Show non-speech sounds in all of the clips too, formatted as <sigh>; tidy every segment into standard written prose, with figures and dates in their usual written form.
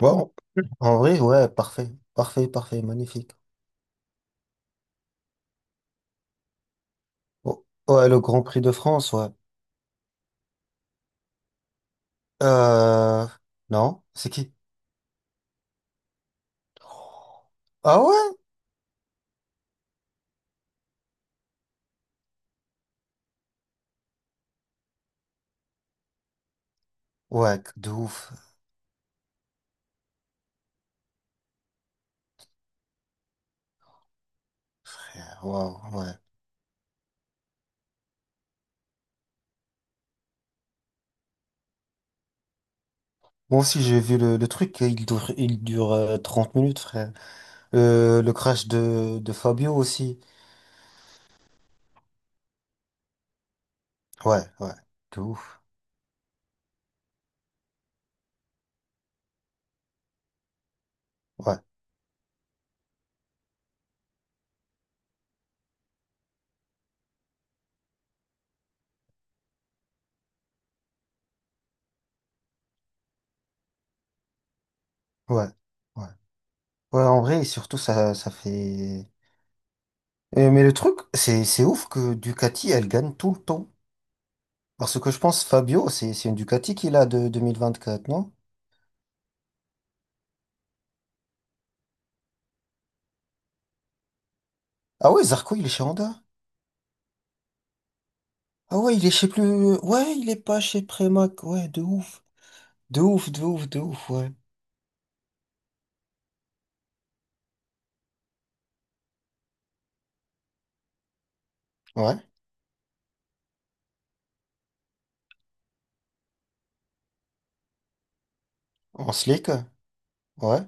Bon, en vrai, ouais, parfait. Parfait, parfait, magnifique. Oh, ouais, le Grand Prix de France, ouais. Euh, non, c'est qui? Ah ouais? Ouais, de ouf, frère. Waouh, ouais. Moi aussi, j'ai vu le truc, il dure, il dure 30 minutes, frère. Le crash de Fabio aussi. Ouais, ouais, de ouf. Ouais, ouais, ouais. Ouais, en vrai, et surtout, ça fait... Mais le truc, c'est ouf que Ducati, elle gagne tout le temps. Parce que je pense Fabio, c'est une Ducati qu'il a de 2024, non? Ah ouais, Zarco, il est chez Honda. Ah ouais, il est chez plus. Ouais, il est pas chez Premac. Ouais, de ouf. De ouf, de ouf, de ouf, ouais. Ouais, en slick. Ouais,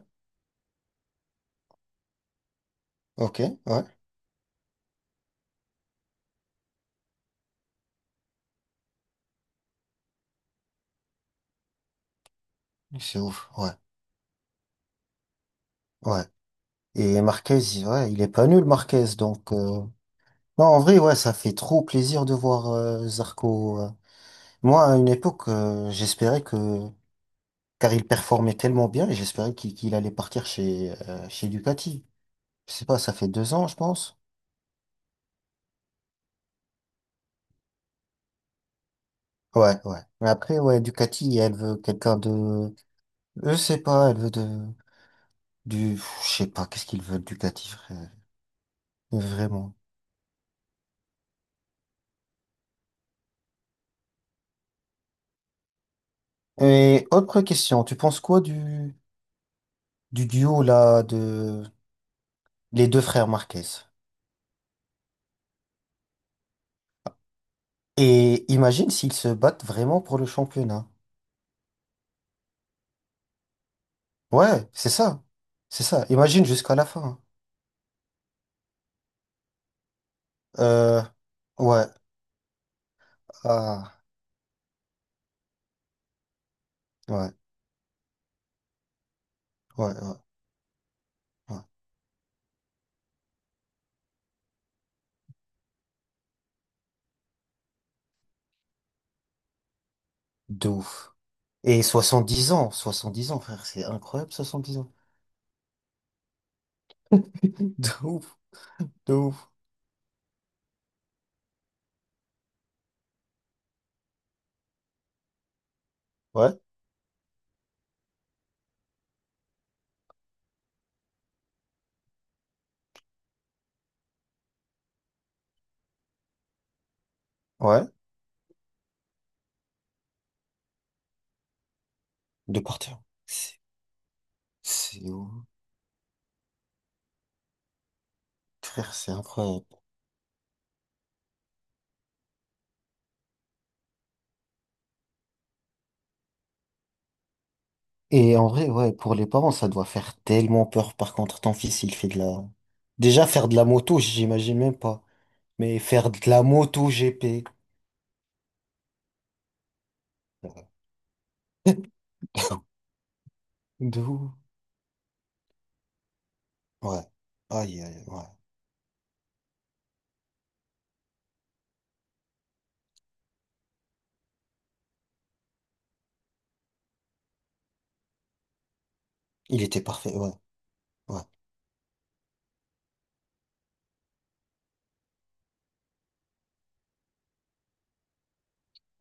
ok, ouais. C'est ouf, ouais, ouais. Et Marquez, ouais, il est pas nul, Marquez. Donc, non, en vrai, ouais, ça fait trop plaisir de voir Zarco. Moi, à une époque, j'espérais que. Car il performait tellement bien, et j'espérais qu'il allait partir chez, chez Ducati. Je sais pas, ça fait deux ans, je pense. Ouais, ouais. Mais après, ouais, Ducati, elle veut quelqu'un de... Je sais pas, elle veut de... Du... Je sais pas, qu'est-ce qu'ils veulent, Ducati, frère. Vraiment. Et autre question, tu penses quoi du duo, là, de... Les deux frères Marquez? Et imagine s'ils se battent vraiment pour le championnat. Ouais, c'est ça. C'est ça. Imagine jusqu'à la fin, hein. Euh... Ouais. Ah. Ouais. Ouais. Ouais. Ouais. De ouf. Et 70 ans, frère, c'est incroyable, 70 ans. <laughs> De ouf, de ouf. Ouais, ouais, de partir. C'est c'est ouf. Frère, c'est incroyable. Et en vrai, ouais, pour les parents, ça doit faire tellement peur. Par contre, ton fils, il fait de la... Déjà, faire de la moto, j'imagine même pas. Mais faire de la moto GP. <laughs> De ouf. Ouais. Aïe, aïe, ouais. Il était parfait, ouais, ouais.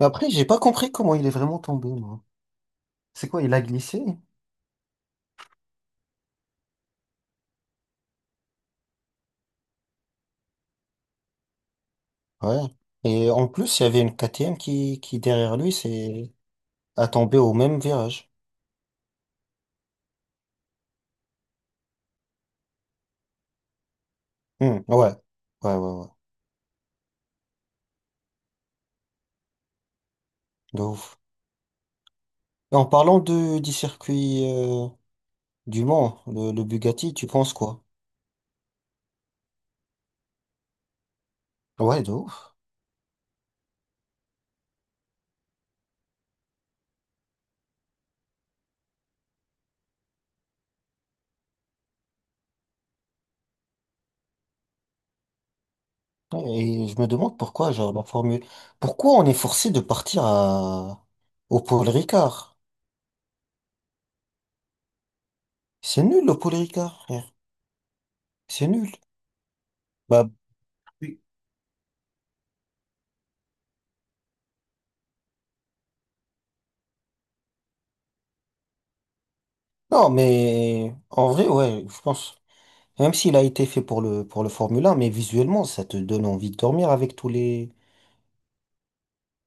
Mais après, j'ai pas compris comment il est vraiment tombé, moi. C'est quoi, il a glissé? Ouais. Et en plus, il y avait une KTM qui, derrière lui, c'est a tombé au même virage. Hmm, ouais. Ouais, ouais, ouais. De ouf. Et en parlant de, du circuit du Mans, le Bugatti, tu penses quoi? Ouais, de ouf. Et je me demande pourquoi, genre, la Formule... Pourquoi on est forcé de partir à... au Paul Ricard? C'est nul, le Paul Ricard, frère. C'est nul. Bah, non, mais en vrai, ouais, je pense. Même s'il a été fait pour pour le Formule 1, mais visuellement, ça te donne envie de dormir avec tous les...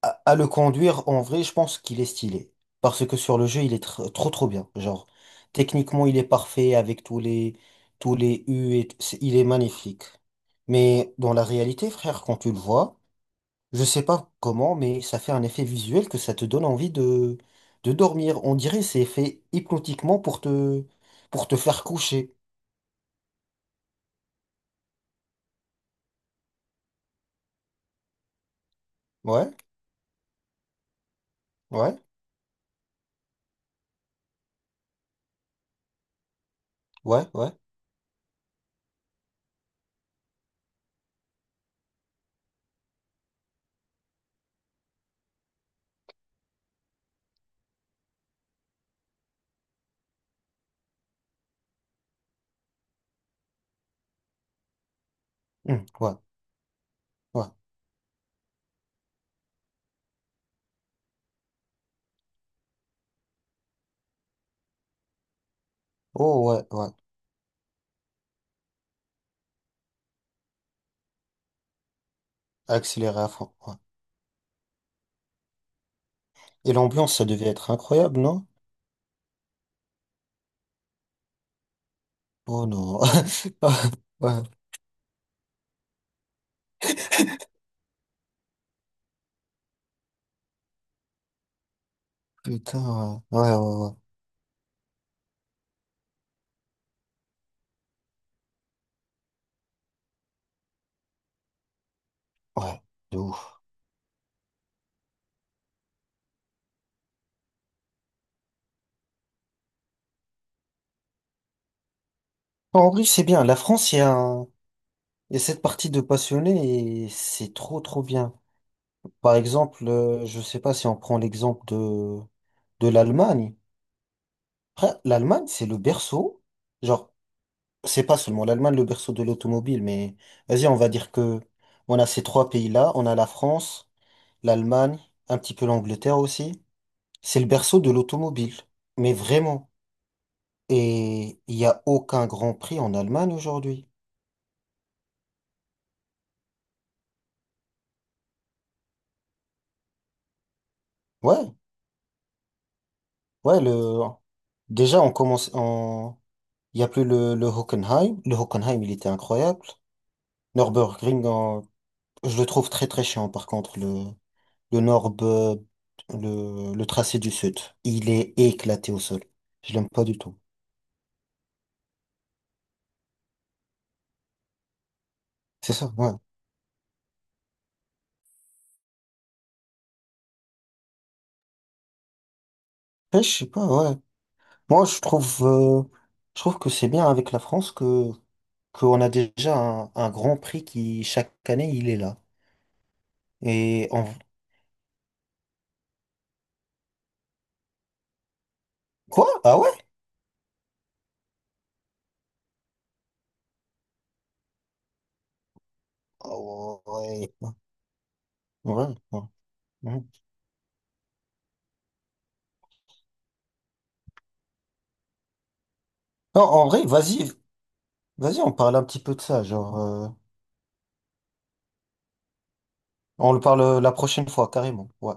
À, à le conduire, en vrai, je pense qu'il est stylé. Parce que sur le jeu, il est trop trop bien. Genre, techniquement, il est parfait avec tous les U et... Il est magnifique. Mais dans la réalité, frère, quand tu le vois, je sais pas comment, mais ça fait un effet visuel que ça te donne envie de dormir. On dirait que c'est fait hypnotiquement pour pour te faire coucher. Ouais, ouais, ouais, ouais. Hmm, ouais. Ouais. Oh ouais, ouais. Accéléré à fond, ouais. Et l'ambiance, ça devait être incroyable, non? Oh non. <laughs> Ouais. Putain, ouais. Ouais, ouais, ouais. Ouais. De ouf. En vrai, c'est bien. La France, il y a cette partie de passionnés et c'est trop, trop bien. Par exemple, je sais pas si on prend l'exemple de l'Allemagne. Après, l'Allemagne, c'est le berceau. Genre, c'est pas seulement l'Allemagne le berceau de l'automobile, mais vas-y, on va dire que on a ces trois pays-là. On a la France. L'Allemagne, un petit peu l'Angleterre aussi. C'est le berceau de l'automobile, mais vraiment. Et il n'y a aucun Grand Prix en Allemagne aujourd'hui. Ouais, ouais, le... déjà on commence en... Il n'y a plus le Hockenheim. Le Hockenheim, il était incroyable. Nürburgring, je le trouve très très chiant par contre, le Nürb- le tracé du Sud. Il est éclaté au sol. Je l'aime pas du tout. C'est ça, ouais. Après, je sais pas, ouais. Moi, je trouve que c'est bien avec la France que qu'on a déjà un Grand Prix qui, chaque année, il est là. Et en... Quoi? Ah ouais? Ah ouais. Ouais, ouais, ouais. Non, en vrai, vas-y, vas-y, on parle un petit peu de ça, genre, on le parle la prochaine fois, carrément. Ouais.